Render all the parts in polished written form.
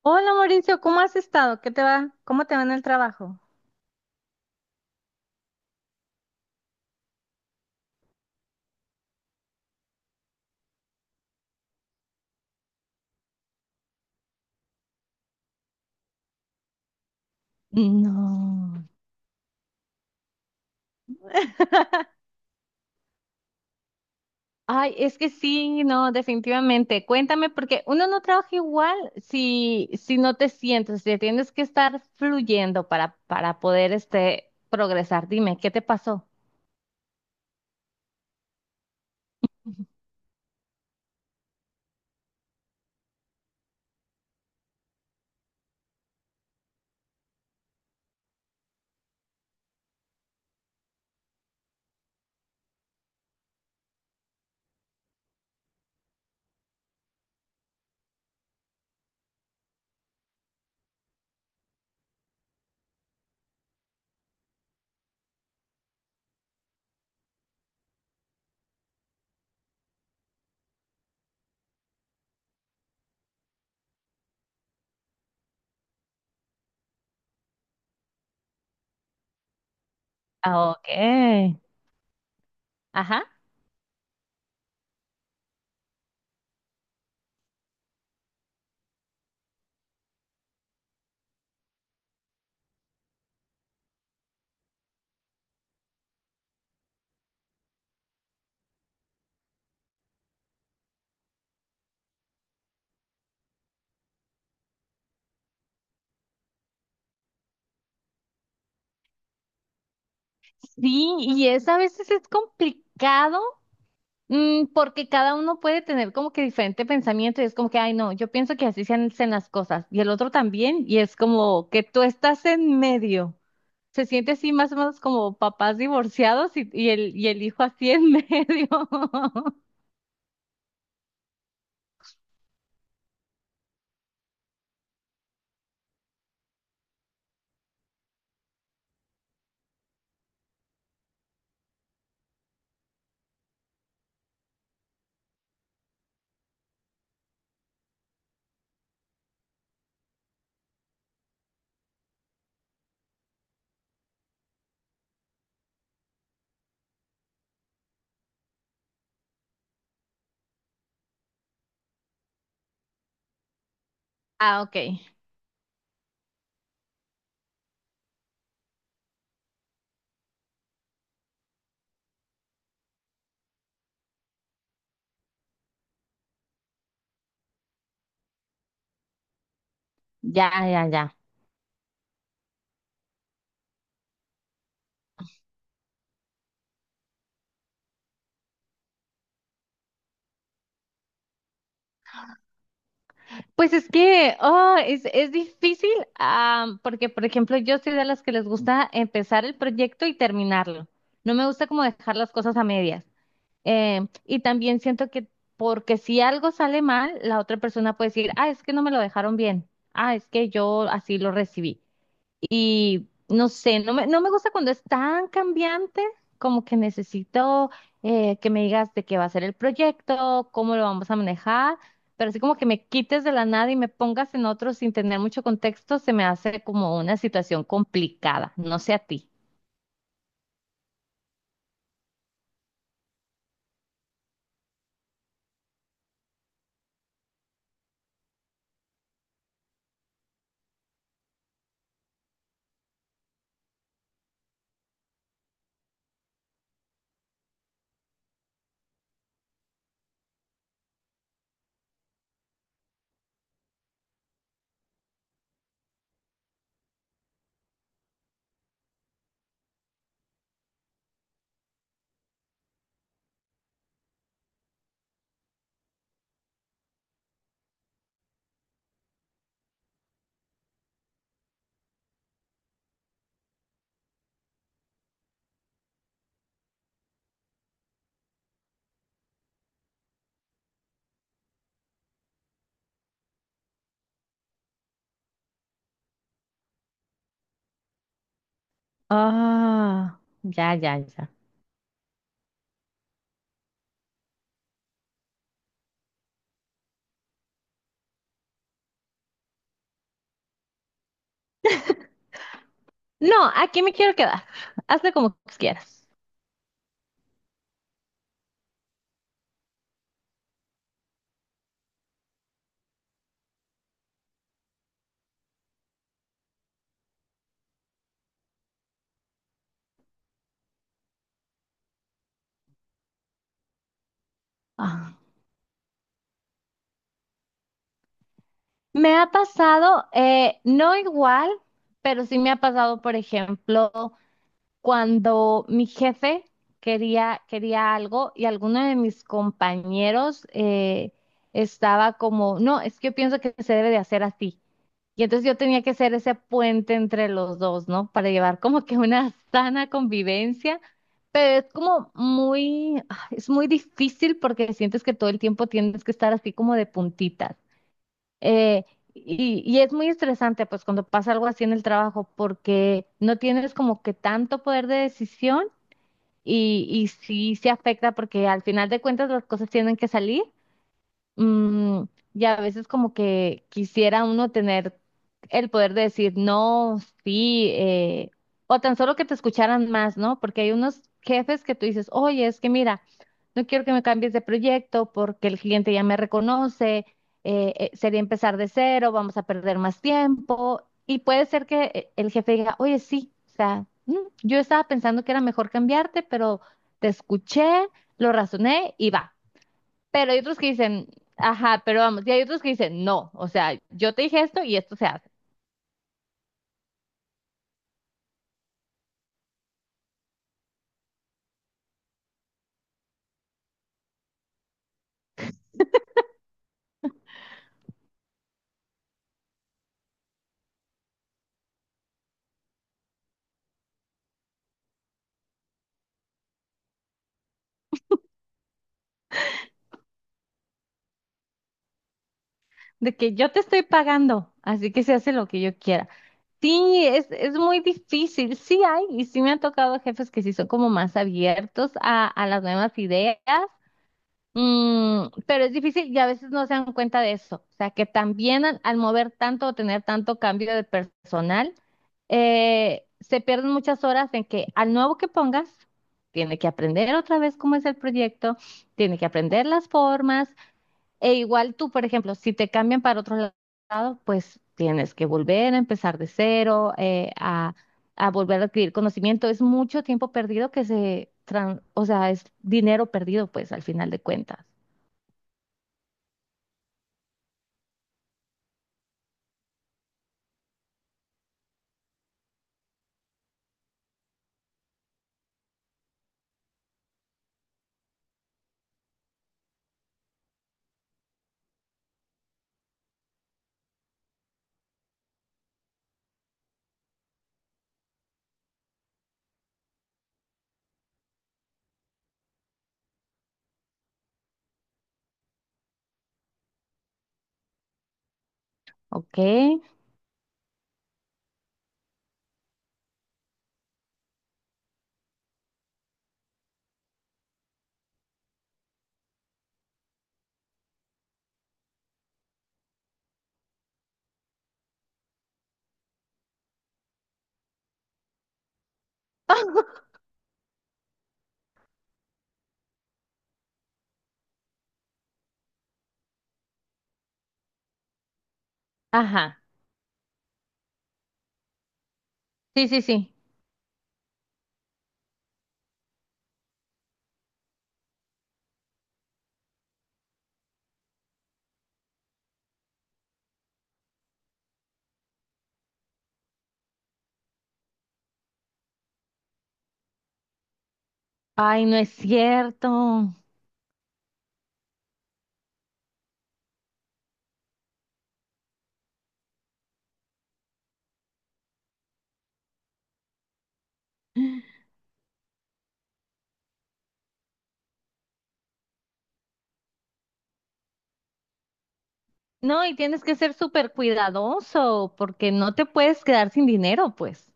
Hola Mauricio, ¿cómo has estado? ¿Qué te va? ¿Cómo te va en el trabajo? No. Ay, es que sí, no, definitivamente. Cuéntame, porque uno no trabaja igual si no te sientes, si tienes que estar fluyendo para poder progresar. Dime, ¿qué te pasó? Ah, ok. Ajá. Sí, y es a veces es complicado, Mm, porque cada uno puede tener como que diferente pensamiento y es como que, ay, no, yo pienso que así se hacen las cosas y el otro también y es como que tú estás en medio. Se siente así más o menos como papás divorciados y el hijo así en medio. Ah, ok. Ya, ya, ya. Pues es que es difícil, ah, porque, por ejemplo, yo soy de las que les gusta empezar el proyecto y terminarlo. No me gusta como dejar las cosas a medias. Y también siento que, porque si algo sale mal, la otra persona puede decir, ah, es que no me lo dejaron bien, ah, es que yo así lo recibí. Y no sé, no me gusta cuando es tan cambiante, como que necesito que me digas de qué va a ser el proyecto, cómo lo vamos a manejar, pero así como que me quites de la nada y me pongas en otro sin tener mucho contexto, se me hace como una situación complicada, no sé a ti. Ah, ya, ya, ya. No, aquí me quiero quedar. Hazle como quieras. Ah, me ha pasado, no igual, pero sí me ha pasado, por ejemplo, cuando mi jefe quería algo y alguno de mis compañeros estaba como, no, es que yo pienso que se debe de hacer así. Y entonces yo tenía que ser ese puente entre los dos, ¿no? Para llevar como que una sana convivencia, pero es como muy, ah, es muy difícil porque sientes que todo el tiempo tienes que estar así como de puntitas. Eh, y, y es muy estresante, pues cuando pasa algo así en el trabajo, porque no tienes como que tanto poder de decisión y sí se afecta porque al final de cuentas las cosas tienen que salir. Mm, y a veces como que quisiera uno tener el poder de decir no, sí, o tan solo que te escucharan más, ¿no? Porque hay unos jefes que tú dices, oye, es que mira, no quiero que me cambies de proyecto porque el cliente ya me reconoce, sería empezar de cero, vamos a perder más tiempo. Y puede ser que el jefe diga, oye, sí, o sea, mm, yo estaba pensando que era mejor cambiarte, pero te escuché, lo razoné y va. Pero hay otros que dicen, ajá, pero vamos, y hay otros que dicen, no, o sea, yo te dije esto y esto se hace. De que yo te estoy pagando, así que se hace lo que yo quiera. Sí, es muy difícil, sí hay, y sí me han tocado jefes que sí son como más abiertos a las nuevas ideas. Mm, pero es difícil y a veces no se dan cuenta de eso. O sea, que también al mover tanto o tener tanto cambio de personal, se pierden muchas horas en que al nuevo que pongas, tiene que aprender otra vez cómo es el proyecto, tiene que aprender las formas, e igual tú, por ejemplo, si te cambian para lado, pues tienes que volver a empezar de cero, a volver a adquirir conocimiento. Es mucho tiempo perdido que o sea, es dinero perdido, pues al final de cuentas. Ok. Ajá. Sí, sí, sí. Ay, no es cierto. No, y tienes que ser súper cuidadoso porque no te puedes quedar sin dinero, pues.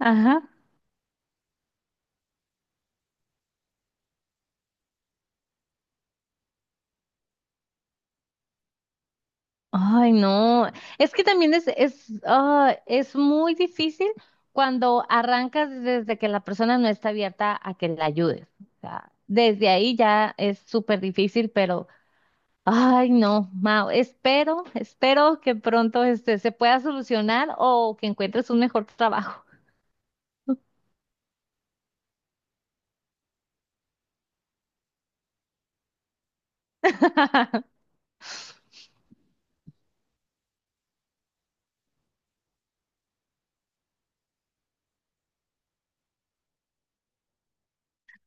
Ajá. Ay, no. Es que también es muy difícil cuando arrancas desde que la persona no está abierta a que la ayudes. O sea, desde ahí ya es súper difícil, pero, ay, no, Mao, espero que pronto se pueda solucionar o que encuentres un mejor trabajo.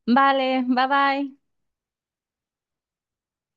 Vale, bye bye.